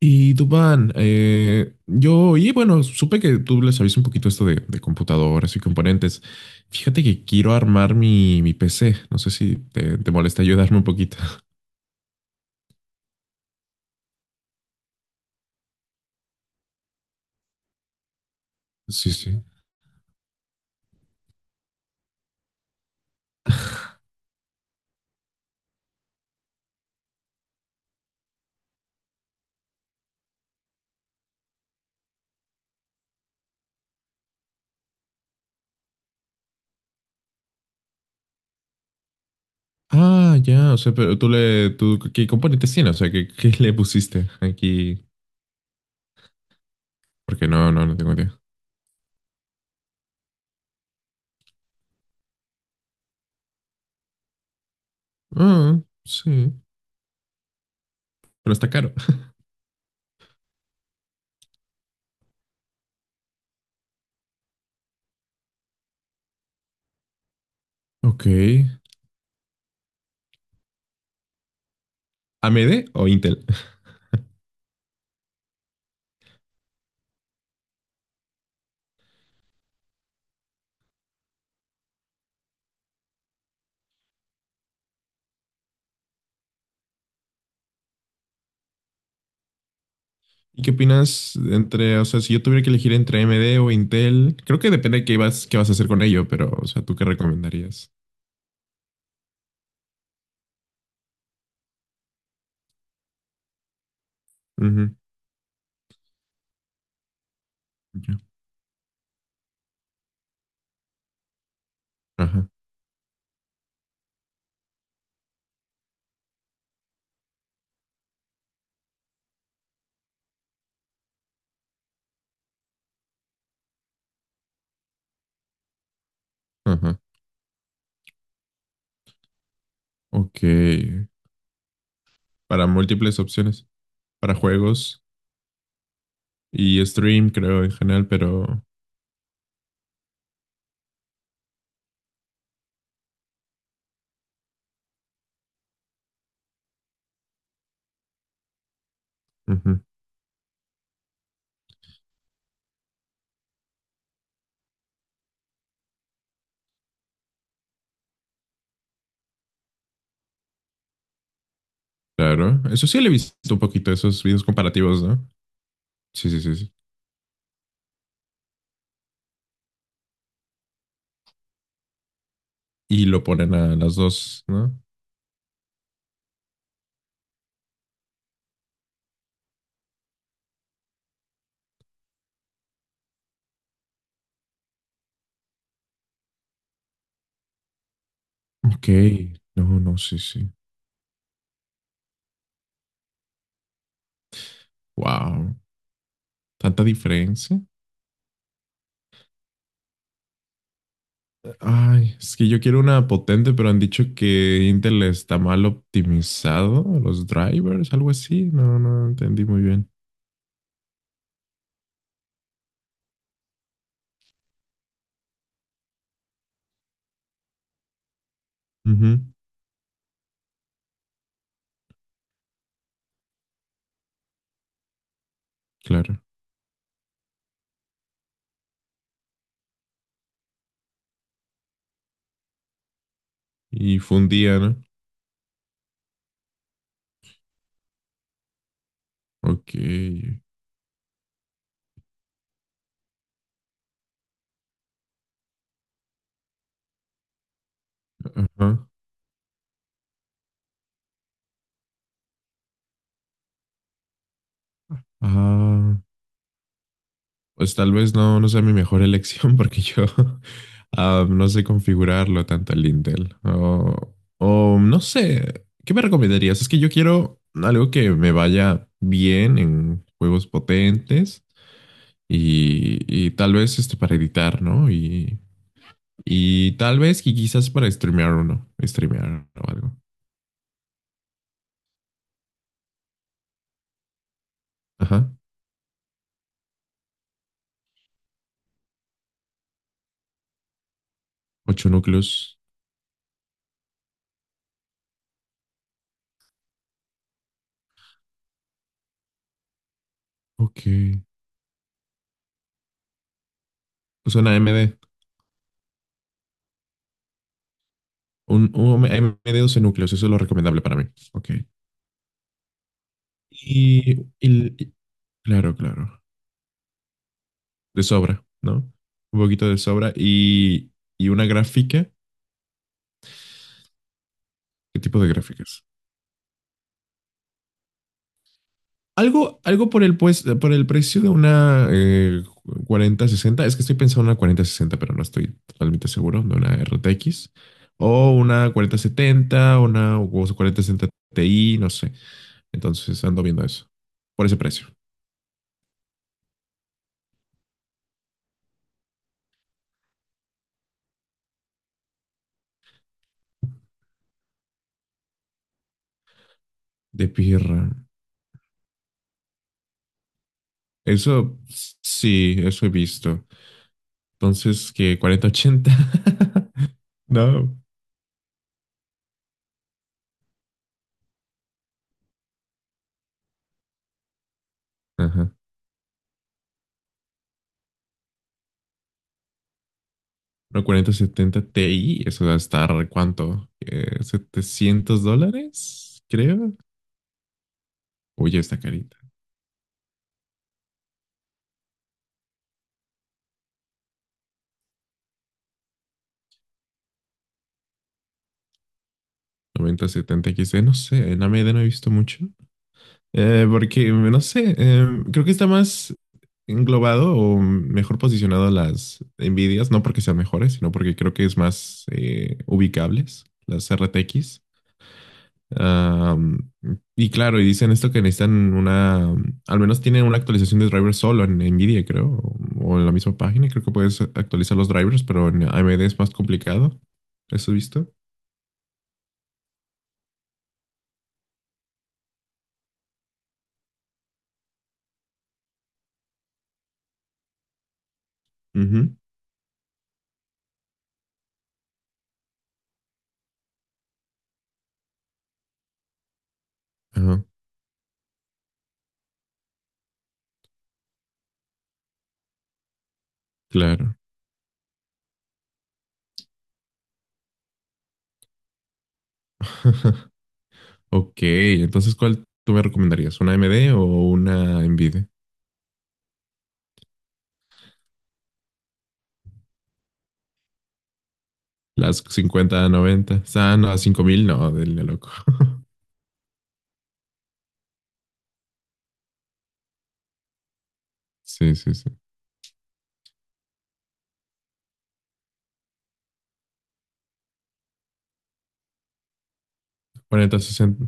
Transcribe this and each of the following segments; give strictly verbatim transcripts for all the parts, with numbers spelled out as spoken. Y Dubán, eh, yo, y bueno, supe que tú le sabías un poquito esto de, de, computadoras y componentes. Fíjate que quiero armar mi, mi, P C. No sé si te, te molesta ayudarme un poquito. Sí, sí. Ah, ya, o sea, pero tú le, tú, ¿qué componentes tiene? O sea, ¿qué, qué le pusiste aquí? Porque no, no, no tengo idea. Ah, sí, pero está caro. Ok. ¿A M D o Intel? ¿Y qué opinas entre, o sea, si yo tuviera que elegir entre A M D o Intel? Creo que depende de qué vas, qué vas a hacer con ello, pero, o sea, ¿tú qué recomendarías? Ujú, ya. Ajá, ajá. Ok. Para múltiples opciones, para juegos y stream, creo, en general, pero... Ujú. Claro. Eso sí, le he visto un poquito esos videos comparativos, ¿no? Sí, sí, sí, sí. Y lo ponen a las dos, ¿no? Ok. No, no, sí, sí. Wow. ¿Tanta diferencia? Ay, es que yo quiero una potente, pero han dicho que Intel está mal optimizado, los drivers, algo así. No, no entendí muy bien. Ujú, claro. Y fundía, ¿no? Ok. Ajá. Ah, pues tal vez no, no sea mi mejor elección porque yo ah, no sé configurarlo tanto el Intel. O, o no sé, ¿qué me recomendarías? Es que yo quiero algo que me vaya bien en juegos potentes. y, y tal vez este para editar, ¿no? Y, y tal vez y quizás para streamear uno, streamear o algo. Ajá, ocho núcleos. Ok. Usa una A M D, un, un A M D doce núcleos, eso es lo recomendable para mí. Ok. Y, y- y- claro, claro, de sobra, ¿no? Un poquito de sobra y, y una gráfica. ¿Qué tipo de gráficas? Algo, algo por el, pues, por el precio de una eh, cuarenta sesenta. Es que estoy pensando en una cuarenta sesenta, pero no estoy totalmente seguro. De una R T X. O una cuarenta setenta una o cuarenta sesenta Ti, no sé. Entonces ando viendo eso. Por ese precio. De pirra. Eso sí, eso he visto. Entonces, ¿que cuarenta ochenta? No. Ajá. Una cuarenta setenta Ti, eso va a estar, ¿cuánto? Eh, setecientos dólares, creo. Oye, esta carita. Noventa setenta x XD, no sé, en A M D no he visto mucho. Eh, porque, no sé, eh, creo que está más englobado o mejor posicionado las Nvidias, no porque sean mejores, sino porque creo que es más eh, ubicables las R T X. Ah, y claro, y dicen esto que necesitan una, al menos tienen una actualización de drivers solo en Nvidia, creo, o en la misma página, creo que puedes actualizar los drivers, pero en A M D es más complicado. ¿Eso he visto? Ujú. Ajá, claro. Ok, entonces, ¿cuál tú me recomendarías? ¿Una A M D o una Nvidia? Las cincuenta, noventa. Ah, no, ¿cinco mil? No, del loco. Sí, sí, sí. Cuarenta, sesenta.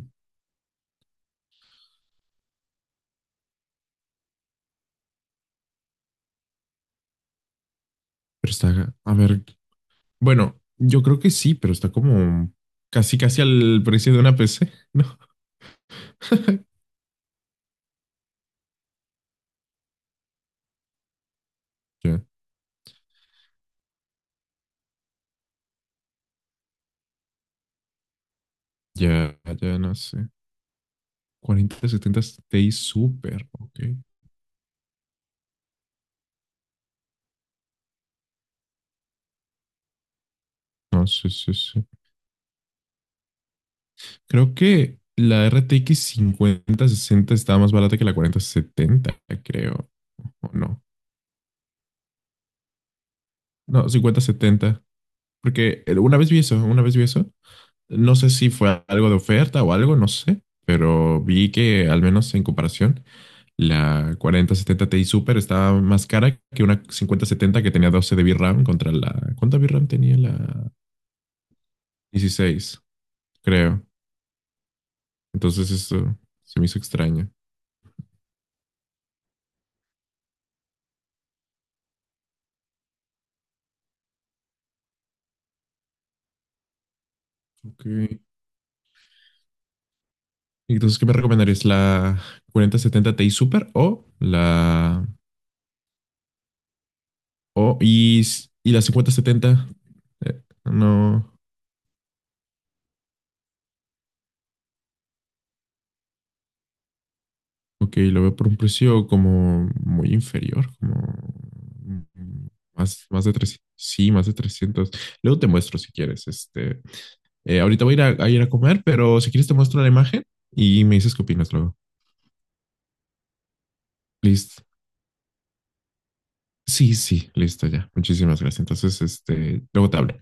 Pero está, a ver, bueno, yo creo que sí, pero está como casi, casi al precio de una P C, ¿no? Ya, ya, ya no sé. cuarenta, setenta, Ti Super, ok. No, sí, sí, sí. Creo que la R T X cincuenta sesenta estaba más barata que la cuarenta setenta, creo. O no. No, cincuenta setenta. Porque una vez vi eso, una vez vi eso. No sé si fue algo de oferta o algo, no sé. Pero vi que, al menos en comparación, la cuarenta setenta Ti Super estaba más cara que una cincuenta setenta que tenía doce de VRAM contra la. ¿Cuánta VRAM tenía la dieciséis? Creo. Entonces, eso se me hizo extraño. Ok. Entonces, ¿qué me recomendarías? ¿La cuarenta setenta Ti Super o la... O, y, s- y la cincuenta setenta? Eh, no. Ok, lo veo por un precio como muy inferior, como mm, más, más de trescientos. Sí, más de trescientos. Luego te muestro si quieres. Este, eh, ahorita voy a ir a, a ir a comer, pero si quieres te muestro la imagen y me dices qué opinas luego. Listo. Sí, sí, listo ya. Muchísimas gracias. Entonces, este, luego te hablo.